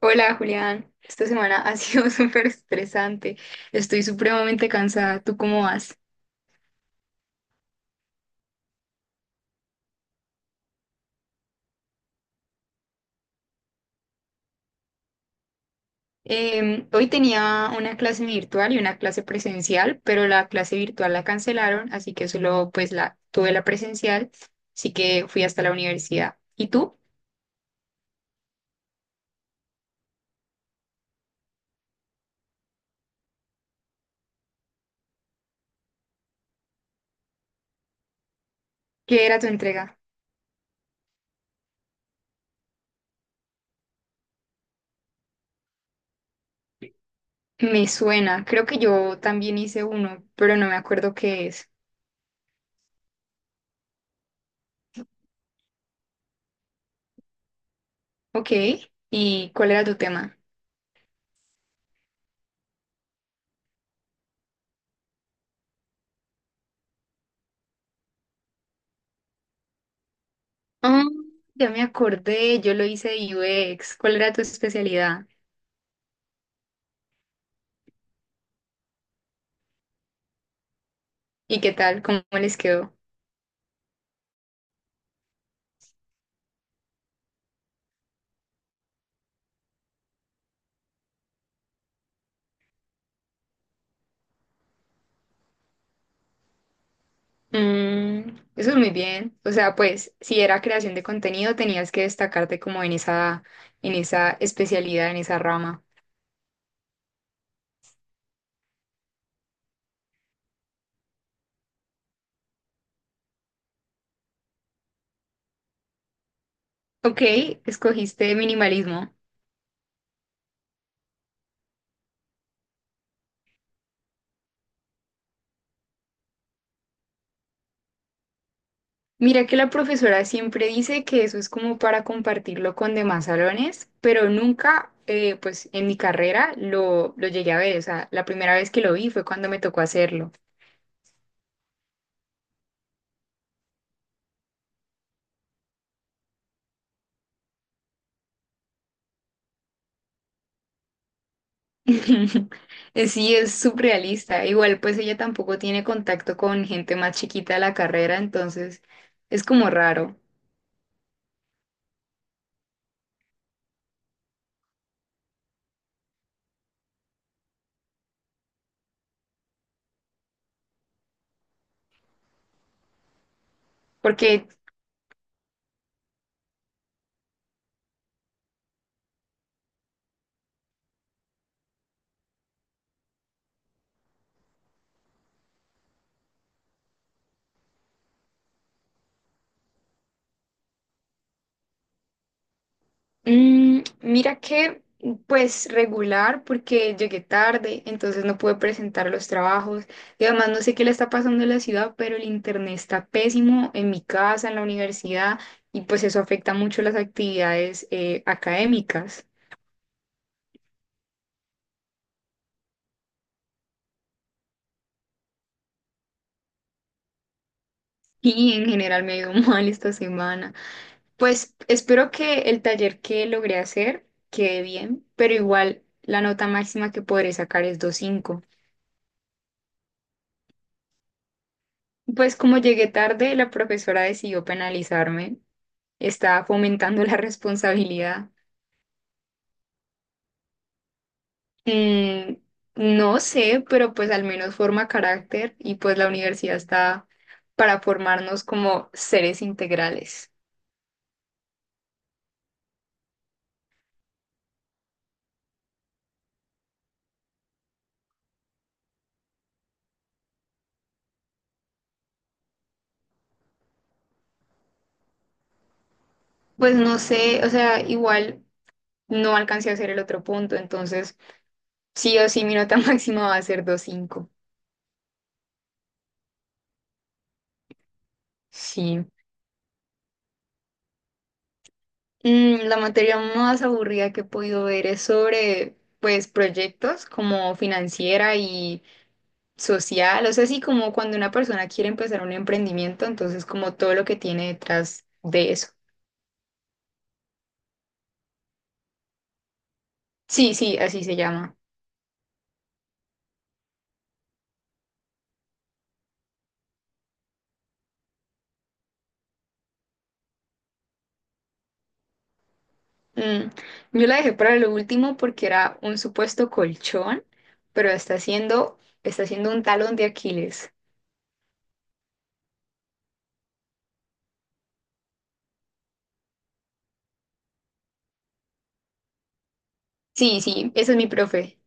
Hola Julián, esta semana ha sido súper estresante, estoy supremamente cansada, ¿tú cómo vas? Hoy tenía una clase virtual y una clase presencial, pero la clase virtual la cancelaron, así que solo pues la tuve la presencial, así que fui hasta la universidad. ¿Y tú? ¿Qué era tu entrega? Me suena, creo que yo también hice uno, pero no me acuerdo qué es. Ok, ¿y cuál era tu tema? Ah, ya me acordé, yo lo hice de UX. ¿Cuál era tu especialidad? ¿Y qué tal? ¿Cómo les quedó? Mm, eso es muy bien. O sea, pues si era creación de contenido, tenías que destacarte como en esa especialidad, en esa rama. Ok, escogiste minimalismo. Mira que la profesora siempre dice que eso es como para compartirlo con demás salones, pero nunca, pues en mi carrera lo llegué a ver. O sea, la primera vez que lo vi fue cuando me tocó hacerlo. Sí, es surrealista. Igual, pues ella tampoco tiene contacto con gente más chiquita de la carrera, entonces es como raro. Porque, mira que, pues regular, porque llegué tarde, entonces no pude presentar los trabajos. Y además no sé qué le está pasando en la ciudad, pero el internet está pésimo en mi casa, en la universidad, y pues eso afecta mucho las actividades académicas. Y en general me ha ido mal esta semana. Pues espero que el taller que logré hacer quede bien, pero igual la nota máxima que podré sacar es 2.5. Pues como llegué tarde, la profesora decidió penalizarme, estaba fomentando la responsabilidad. Mm, no sé, pero pues al menos forma carácter y pues la universidad está para formarnos como seres integrales. Pues no sé, o sea, igual no alcancé a hacer el otro punto, entonces sí o sí mi nota máxima va a ser 2.5. Sí. Mm, la materia más aburrida que he podido ver es sobre, pues, proyectos como financiera y social. O sea, así como cuando una persona quiere empezar un emprendimiento, entonces como todo lo que tiene detrás de eso. Sí, sí, así se llama. Mm, yo la dejé para lo último porque era un supuesto colchón, pero está siendo un talón de Aquiles. Sí, sí, ese es mi profe.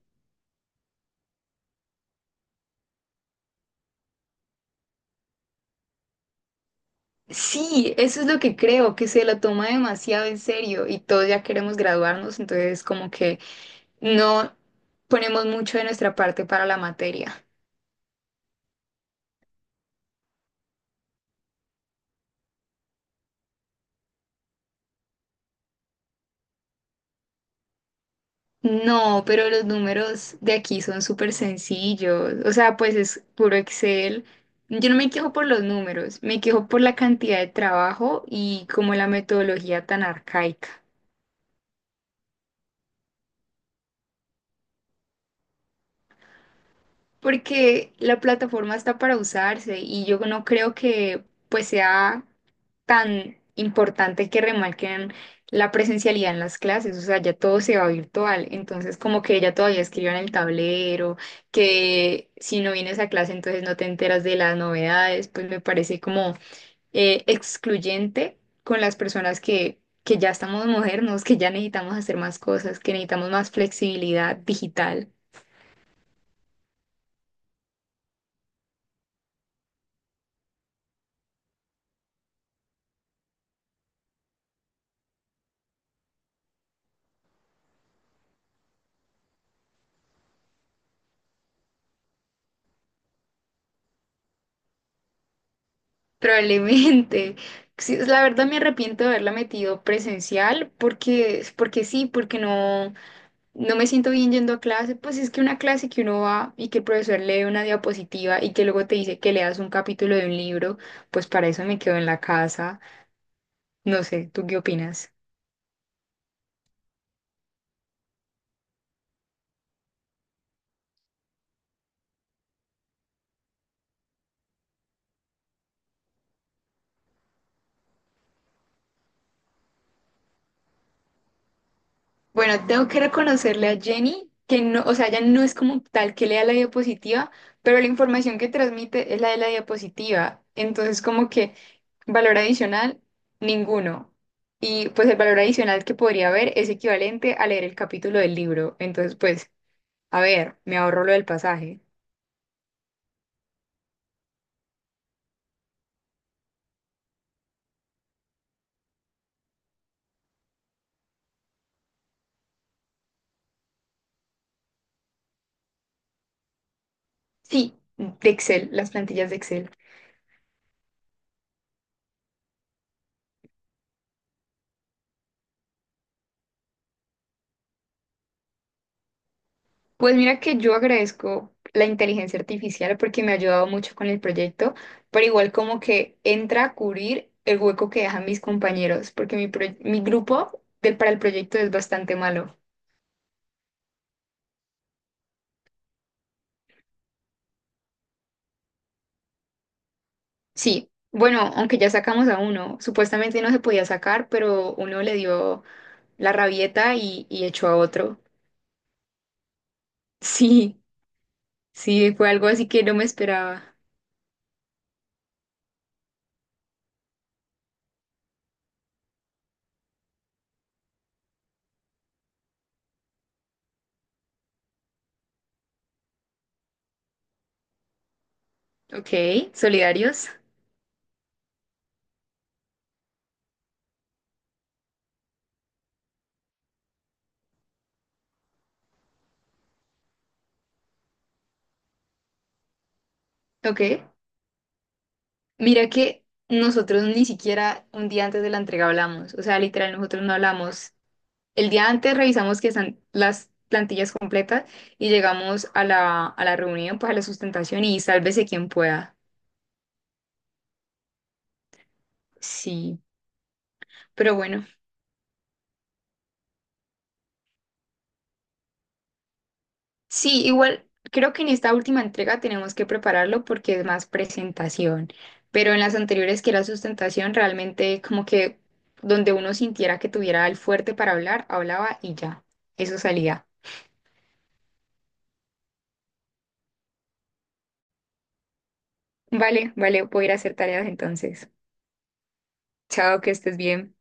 Sí, eso es lo que creo, que se lo toma demasiado en serio y todos ya queremos graduarnos, entonces como que no ponemos mucho de nuestra parte para la materia. No, pero los números de aquí son súper sencillos, o sea, pues es puro Excel. Yo no me quejo por los números, me quejo por la cantidad de trabajo y como la metodología tan arcaica. Porque la plataforma está para usarse y yo no creo que pues sea tan importante que remarquen la presencialidad en las clases, o sea, ya todo se va virtual, entonces como que ella todavía escribió en el tablero, que si no vienes a clase entonces no te enteras de las novedades, pues me parece como excluyente con las personas que ya estamos modernos, que ya necesitamos hacer más cosas, que necesitamos más flexibilidad digital. Probablemente. Sí, es la verdad me arrepiento de haberla metido presencial porque sí, porque no, no me siento bien yendo a clase. Pues es que una clase que uno va y que el profesor lee una diapositiva y que luego te dice que leas un capítulo de un libro, pues para eso me quedo en la casa. No sé, ¿tú qué opinas? Bueno, tengo que reconocerle a Jenny que no, o sea, ella no es como tal que lea la diapositiva, pero la información que transmite es la de la diapositiva. Entonces, como que valor adicional, ninguno. Y pues el valor adicional que podría haber es equivalente a leer el capítulo del libro. Entonces, pues, a ver, me ahorro lo del pasaje. Sí, de Excel, las plantillas de Excel. Pues mira que yo agradezco la inteligencia artificial porque me ha ayudado mucho con el proyecto, pero igual como que entra a cubrir el hueco que dejan mis compañeros, porque mi, proye- mi grupo del, para el proyecto es bastante malo. Sí, bueno, aunque ya sacamos a uno, supuestamente no se podía sacar, pero uno le dio la rabieta y echó a otro. Sí, sí, fue algo así que no me esperaba. Ok, solidarios, ok. Mira que nosotros ni siquiera un día antes de la entrega hablamos, o sea, literal, nosotros no hablamos. El día antes revisamos que están las plantillas completas y llegamos a la reunión, pues a la sustentación y sálvese quien pueda. Sí, pero bueno, sí, igual creo que en esta última entrega tenemos que prepararlo porque es más presentación, pero en las anteriores que era sustentación, realmente como que donde uno sintiera que tuviera el fuerte para hablar, hablaba y ya, eso salía. Vale, vale, voy a ir a hacer tareas entonces. Chao, que estés bien.